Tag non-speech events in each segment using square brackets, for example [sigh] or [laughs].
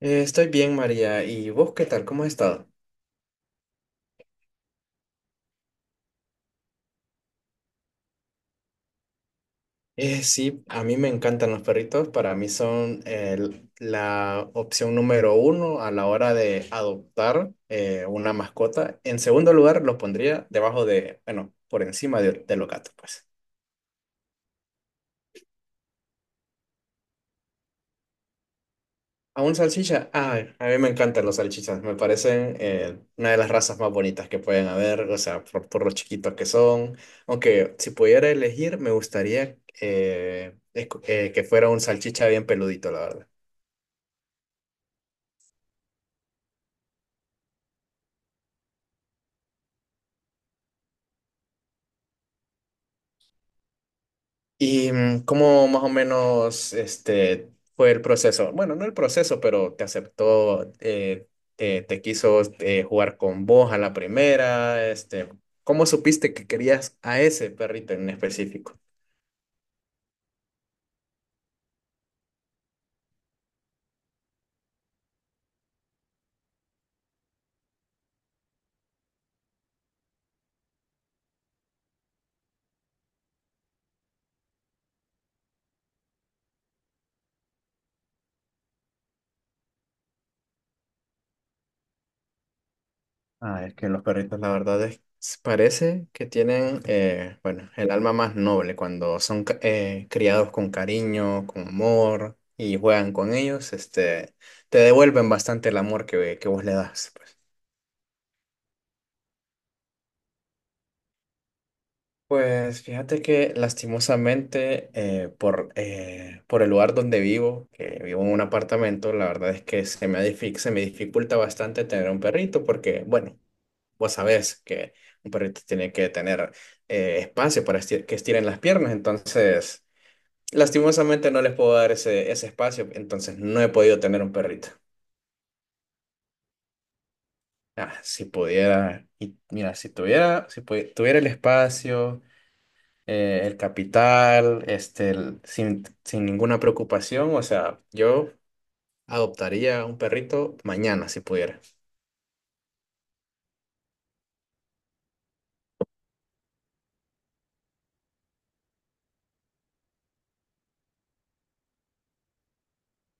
Estoy bien, María. ¿Y vos qué tal? ¿Cómo has estado? Sí, a mí me encantan los perritos. Para mí son la opción número uno a la hora de adoptar una mascota. En segundo lugar, los pondría debajo de, bueno, por encima de los gatos, pues. ¿A un salchicha? Ay, a mí me encantan los salchichas, me parecen una de las razas más bonitas que pueden haber, o sea, por lo chiquitos que son. Aunque si pudiera elegir, me gustaría que fuera un salchicha bien peludito, la verdad. ¿Y cómo más o menos este, fue el proceso? Bueno, no el proceso, pero te aceptó, te quiso jugar con vos a la primera, este, ¿cómo supiste que querías a ese perrito en específico? Ah, es que los perritos, la verdad es, parece que tienen, bueno, el alma más noble cuando son criados con cariño, con amor y juegan con ellos, este, te devuelven bastante el amor que vos le das, pues. Pues fíjate que lastimosamente por el lugar donde vivo, que vivo en un apartamento, la verdad es que se me dificulta bastante tener un perrito porque, bueno, vos sabés que un perrito tiene que tener espacio que estiren las piernas, entonces lastimosamente no les puedo dar ese espacio, entonces no he podido tener un perrito. Ah, si pudiera, y mira, si tuviera, si pudi- tuviera el espacio, el capital, este, sin ninguna preocupación, o sea, yo adoptaría un perrito mañana si pudiera.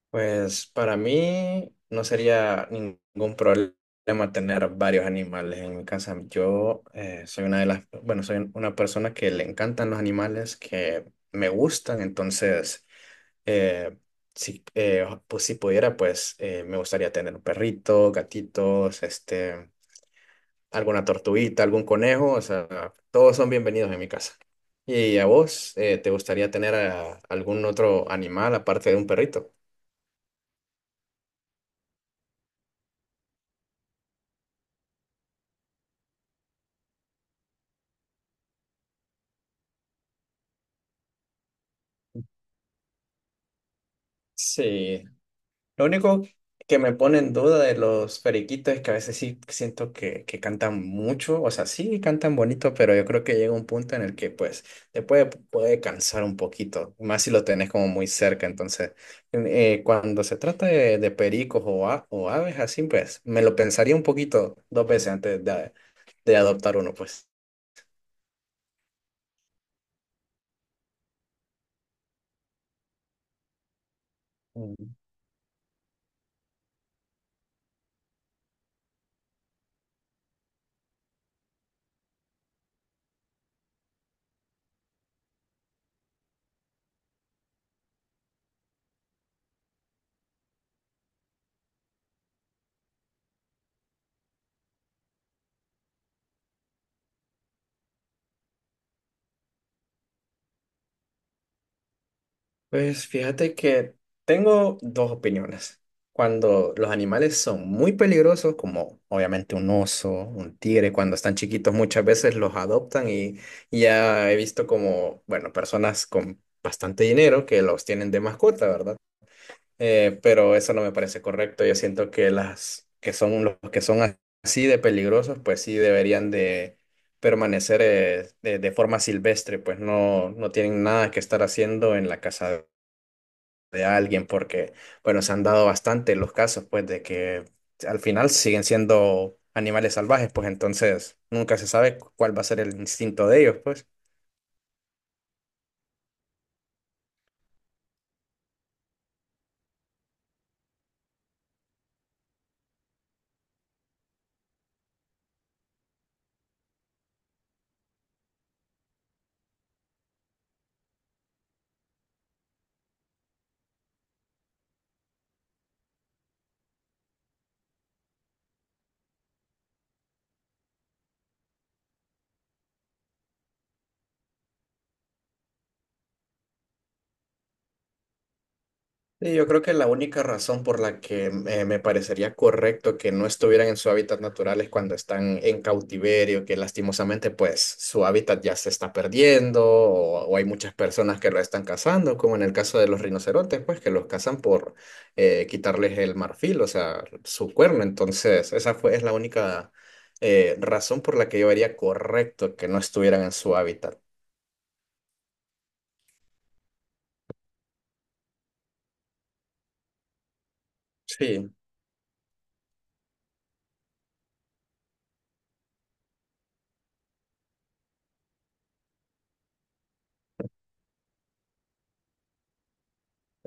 Pues para mí no sería ningún problema tener varios animales en mi casa. Yo soy una de las, bueno, soy una persona que le encantan los animales, que me gustan, entonces eh, si pudiera, pues me gustaría tener un perrito, gatitos, este, alguna tortuguita, algún conejo, o sea, todos son bienvenidos en mi casa. ¿Y a vos te gustaría tener algún otro animal aparte de un perrito? Sí, lo único que me pone en duda de los periquitos es que a veces sí siento que cantan mucho, o sea, sí cantan bonito, pero yo creo que llega un punto en el que pues puede cansar un poquito, más si lo tenés como muy cerca. Entonces, cuando se trata de pericos o aves así, pues me lo pensaría un poquito dos veces antes de adoptar uno, pues. Pues fíjate que tengo dos opiniones. Cuando los animales son muy peligrosos, como obviamente un oso, un tigre, cuando están chiquitos muchas veces los adoptan y ya he visto como, bueno, personas con bastante dinero que los tienen de mascota, ¿verdad? Pero eso no me parece correcto. Yo siento que las que son los que son así de peligrosos, pues sí deberían de permanecer de forma silvestre, pues no, no tienen nada que estar haciendo en la casa de alguien, porque, bueno, se han dado bastante los casos, pues, de que al final siguen siendo animales salvajes, pues entonces nunca se sabe cuál va a ser el instinto de ellos, pues. Sí, yo creo que la única razón por la que me parecería correcto que no estuvieran en su hábitat natural es cuando están en cautiverio, que lastimosamente pues su hábitat ya se está perdiendo o hay muchas personas que lo están cazando, como en el caso de los rinocerontes, pues que los cazan por quitarles el marfil, o sea, su cuerno. Entonces, es la única razón por la que yo haría correcto que no estuvieran en su hábitat. Sí.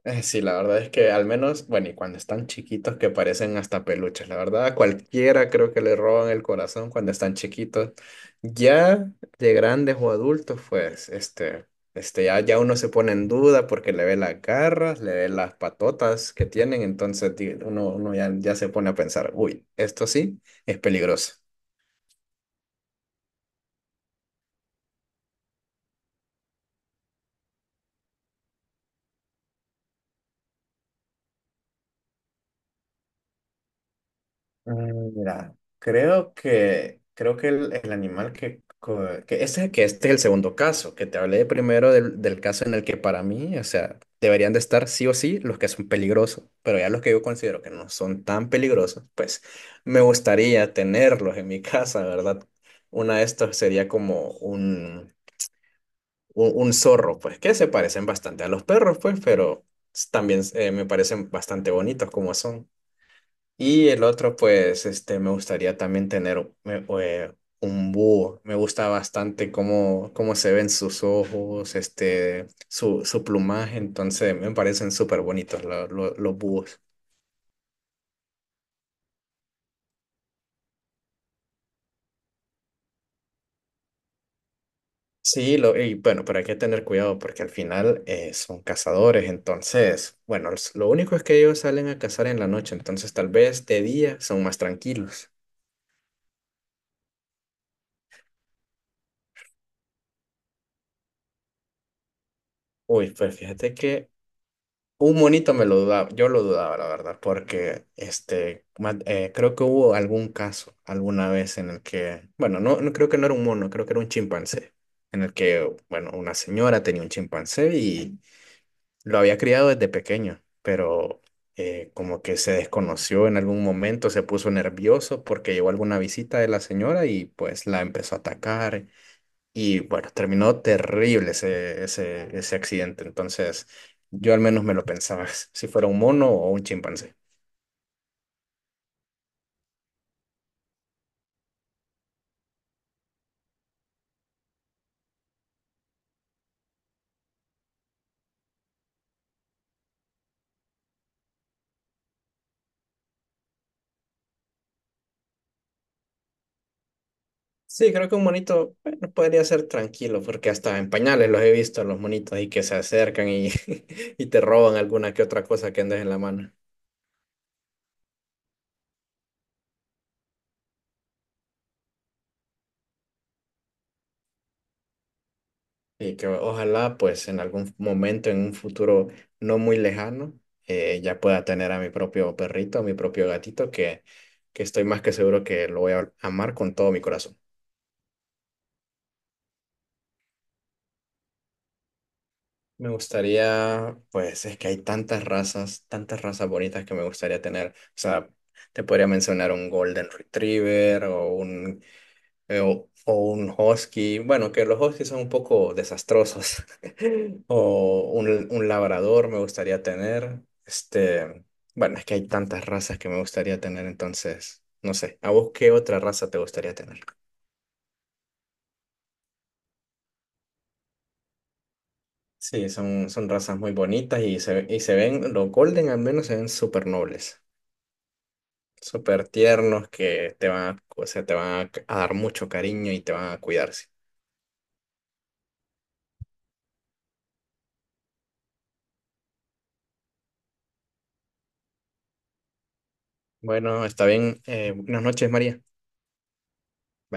Sí, la verdad es que al menos, bueno, y cuando están chiquitos que parecen hasta peluches, la verdad, a cualquiera creo que le roban el corazón cuando están chiquitos. Ya de grandes o adultos, pues, este, ya uno se pone en duda porque le ve las garras, le ve las patotas que tienen, entonces uno ya se pone a pensar, uy, esto sí es peligroso. Mira, creo que el animal que, co- que ese que este es el segundo caso, que te hablé primero del caso en el que para mí, o sea, deberían de estar sí o sí los que son peligrosos, pero ya los que yo considero que no son tan peligrosos, pues me gustaría tenerlos en mi [laughs] casa, ¿verdad? Una de estas sería como un zorro, pues que se parecen bastante a los perros, pues, pero también me parecen bastante bonitos como son. Y el otro, pues, este, me gustaría también tener un búho. Me gusta bastante cómo, cómo se ven sus ojos, este, su plumaje. Entonces, me parecen súper bonitos los búhos. Sí, lo, y bueno, pero hay que tener cuidado porque al final son cazadores. Entonces, bueno, lo único es que ellos salen a cazar en la noche. Entonces, tal vez de día son más tranquilos. Uy, pues fíjate que un monito me lo dudaba, yo lo dudaba, la verdad, porque este, creo que hubo algún caso alguna vez en el que, bueno, no, no creo que no era un mono, creo que era un chimpancé, en el que, bueno, una señora tenía un chimpancé y lo había criado desde pequeño, pero como que se desconoció en algún momento, se puso nervioso porque llegó alguna visita de la señora y pues la empezó a atacar y bueno, terminó terrible ese accidente. Entonces, yo al menos me lo pensaba, [laughs] si fuera un mono o un chimpancé. Sí, creo que un monito, bueno, podría ser tranquilo, porque hasta en pañales los he visto, los monitos ahí que se acercan y, [laughs] y te roban alguna que otra cosa que andes en la mano. Y que ojalá, pues, en algún momento, en un futuro no muy lejano, ya pueda tener a mi propio perrito, a mi propio gatito, que estoy más que seguro que lo voy a amar con todo mi corazón. Me gustaría, pues es que hay tantas razas bonitas que me gustaría tener. O sea, te podría mencionar un Golden Retriever o un Husky. Bueno, que los Huskies son un poco desastrosos. [laughs] O un Labrador me gustaría tener. Este, bueno, es que hay tantas razas que me gustaría tener, entonces, no sé. ¿A vos qué otra raza te gustaría tener? Sí, son, son razas muy bonitas y y se ven, los Golden al menos se ven súper nobles. Súper tiernos que te van a, o sea, te van a dar mucho cariño y te van a cuidarse. Bueno, está bien. Buenas noches, María. Bye.